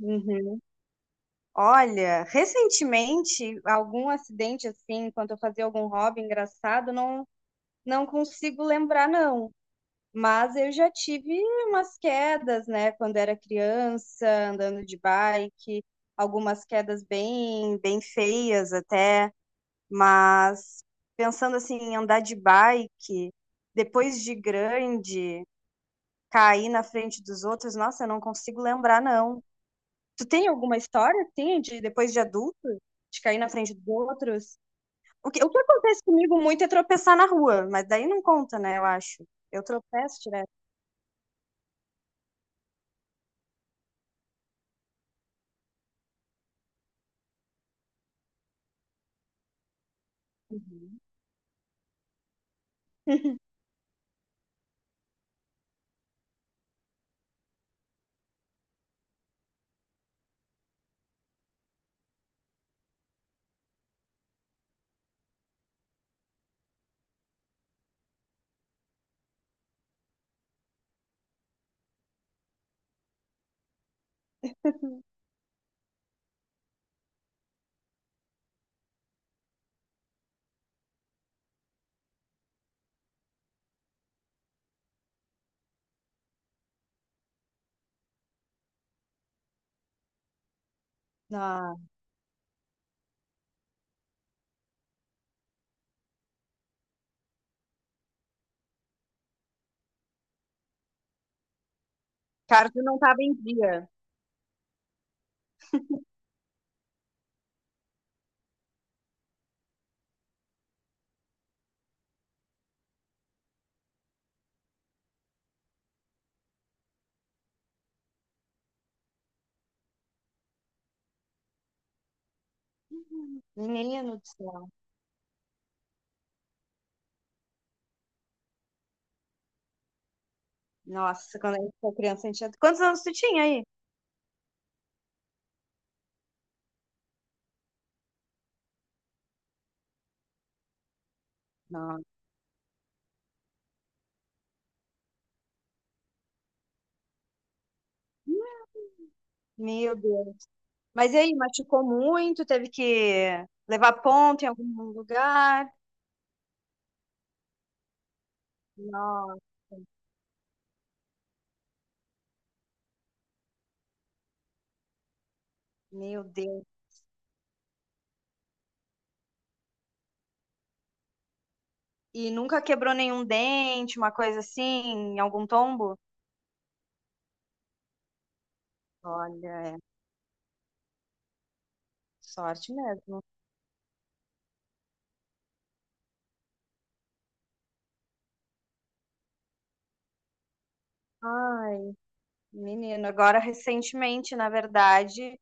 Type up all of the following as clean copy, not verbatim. Uhum. Olha, recentemente, algum acidente assim, enquanto eu fazia algum hobby engraçado, não, não consigo lembrar, não. Mas eu já tive umas quedas, né, quando era criança, andando de bike, algumas quedas bem, bem feias até. Mas pensando assim, em andar de bike, depois de grande, cair na frente dos outros, nossa, eu não consigo lembrar, não. Tu tem alguma história, assim, de depois de adulto, de cair na frente dos outros? O que acontece comigo muito é tropeçar na rua, mas daí não conta, né, eu acho. Eu tropeço direto. Uhum. Ah, cara, tu não tava em dia. Menino do céu. Nossa, quando a gente foi criança, a gente tinha- Quantos anos tu tinha aí? Nossa. Meu Deus. Mas e aí, machucou muito? Teve que levar ponto em algum lugar? Nossa, meu Deus. E nunca quebrou nenhum dente, uma coisa assim, em algum tombo? Olha, é sorte mesmo. Ai, menino, agora recentemente, na verdade,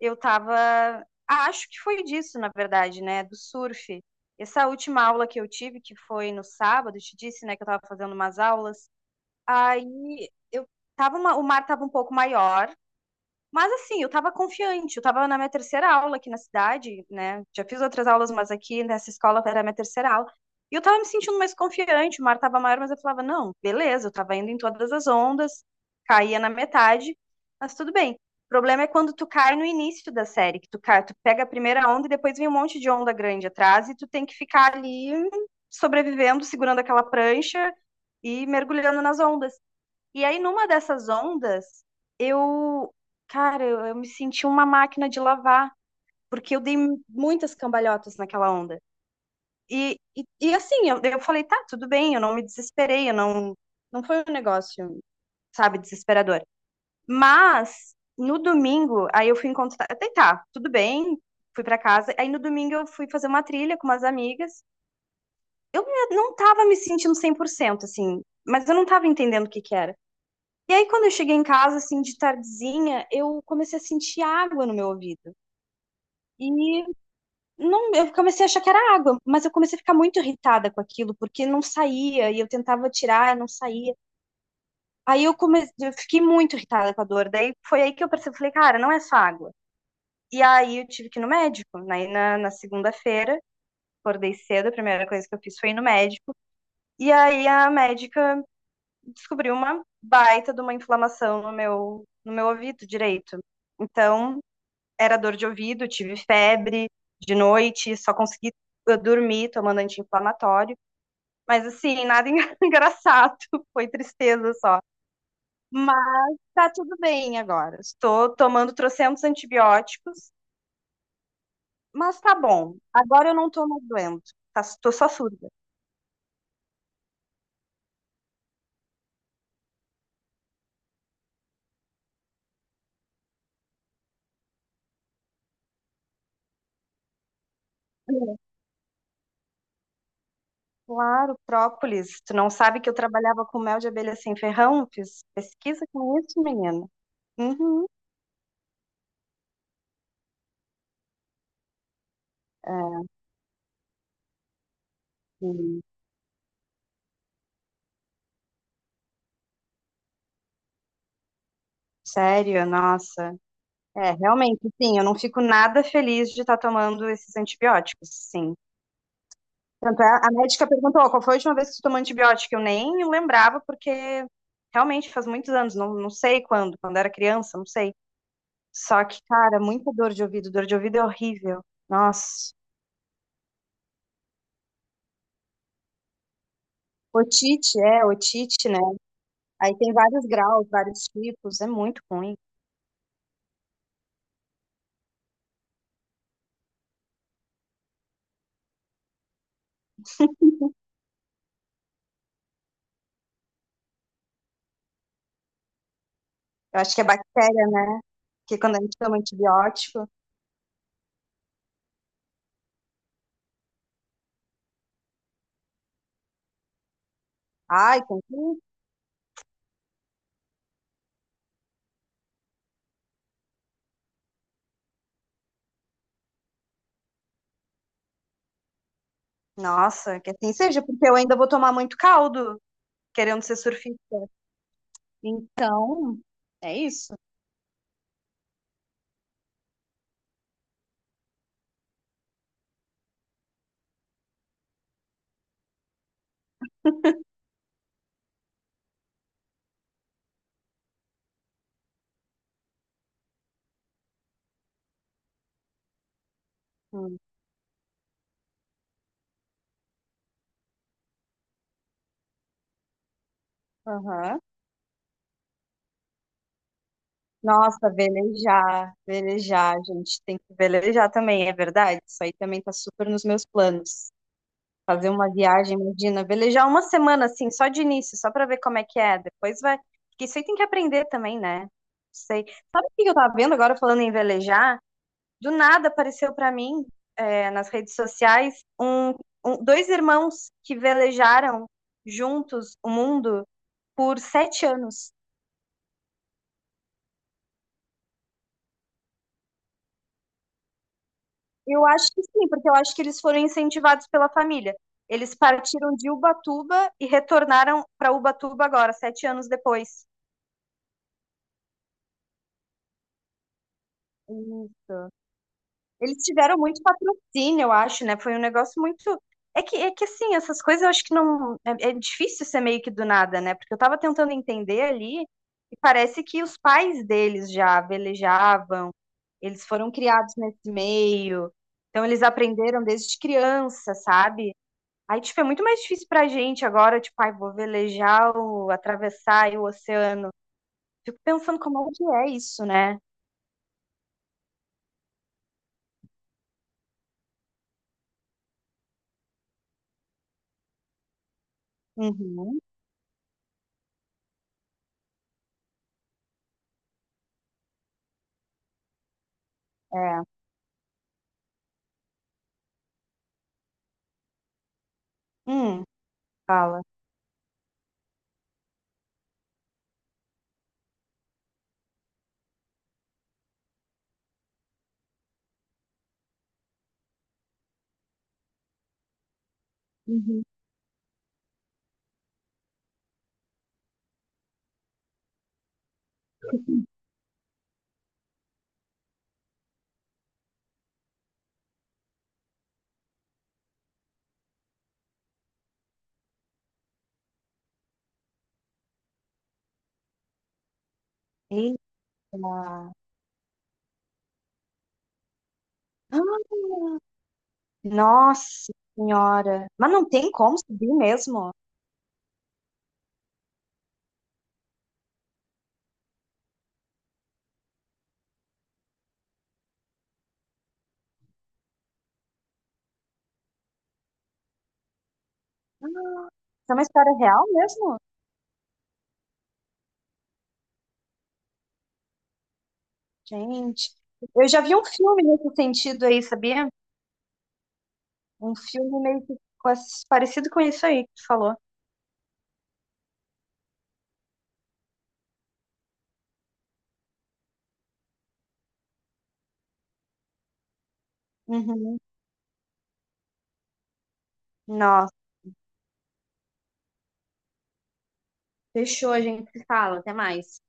eu tava. Ah, acho que foi disso, na verdade, né? Do surf. Essa última aula que eu tive, que foi no sábado, eu te disse, né, que eu tava fazendo umas aulas. Aí eu tava uma... o mar tava um pouco maior. Mas assim, eu estava confiante, eu estava na minha terceira aula aqui na cidade, né? Já fiz outras aulas, mas aqui nessa escola era a minha terceira aula. E eu estava me sentindo mais confiante, o mar estava maior, mas eu falava, não, beleza, eu estava indo em todas as ondas, caía na metade, mas tudo bem. O problema é quando tu cai no início da série, que tu cai, tu pega a primeira onda e depois vem um monte de onda grande atrás e tu tem que ficar ali sobrevivendo, segurando aquela prancha e mergulhando nas ondas. E aí, numa dessas ondas, eu, cara, eu me senti uma máquina de lavar, porque eu dei muitas cambalhotas naquela onda. E assim, eu falei, tá, tudo bem, eu não me desesperei, eu não, não foi um negócio, sabe, desesperador. Mas no domingo, aí eu fui encontrar, até tá, tudo bem, fui pra casa. Aí no domingo eu fui fazer uma trilha com umas amigas. Eu não tava me sentindo 100% assim, mas eu não tava entendendo o que que era. E aí, quando eu cheguei em casa, assim, de tardezinha, eu comecei a sentir água no meu ouvido. E não, eu comecei a achar que era água, mas eu comecei a ficar muito irritada com aquilo, porque não saía, e eu tentava tirar, não saía. Aí eu comecei, eu fiquei muito irritada com a dor. Daí foi aí que eu percebi, falei, cara, não é só água. E aí eu tive que ir no médico, né? E na segunda-feira, acordei cedo, a primeira coisa que eu fiz foi ir no médico. E aí a médica descobriu uma baita de uma inflamação no meu, no meu ouvido direito. Então, era dor de ouvido, tive febre de noite, só consegui dormir tomando anti-inflamatório. Mas assim, nada engraçado, foi tristeza só. Mas tá tudo bem agora. Estou tomando trocentos antibióticos, mas tá bom. Agora eu não tô mais doente. Tá, tô só surda. Claro, própolis. Tu não sabe que eu trabalhava com mel de abelha sem ferrão? Fiz pesquisa com isso, menina. Uhum. É, sim. Sério, nossa. É, realmente, sim, eu não fico nada feliz de estar tomando esses antibióticos, sim. Tanto é, a médica perguntou qual foi a última vez que tu tomou antibiótico? Eu nem lembrava, porque realmente faz muitos anos, não, não sei quando, quando era criança, não sei. Só que, cara, muita dor de ouvido é horrível. Nossa, otite, é, otite, né? Aí tem vários graus, vários tipos, é muito ruim. Eu acho que é bactéria, né? Porque quando a gente toma antibiótico, ai, tem que... assim. Nossa, que assim seja, porque eu ainda vou tomar muito caldo. Querendo ser surfista. Então, é isso. Hum. Aham. Nossa, velejar, velejar, a gente, tem que velejar também, é verdade? Isso aí também tá super nos meus planos. Fazer uma viagem, imagina, velejar uma semana assim, só de início, só pra ver como é que é. Depois vai. Porque isso aí tem que aprender também, né? Sei. Sabe o que eu tava vendo agora falando em velejar? Do nada apareceu pra mim, é, nas redes sociais, um- dois irmãos que velejaram juntos o mundo. Por 7 anos. Eu acho que sim, porque eu acho que eles foram incentivados pela família. Eles partiram de Ubatuba e retornaram para Ubatuba agora, 7 anos depois. Isso. Eles tiveram muito patrocínio, eu acho, né? Foi um negócio muito. É que assim, essas coisas eu acho que não. É, é difícil ser meio que do nada, né? Porque eu tava tentando entender ali e parece que os pais deles já velejavam, eles foram criados nesse meio, então eles aprenderam desde criança, sabe? Aí, tipo, é muito mais difícil pra gente agora, tipo, ai, vou velejar, o, atravessar aí o oceano. Fico pensando como é que é isso, né? Uhum, é. Hum, fala. Uhum. Eita. Ah, nossa senhora. Mas não tem como subir mesmo? Isso é uma história real mesmo? Gente, eu já vi um filme nesse sentido aí, sabia? Um filme meio que com esse- parecido com isso aí que tu falou. Uhum. Nossa, fechou, a gente se fala. Até mais.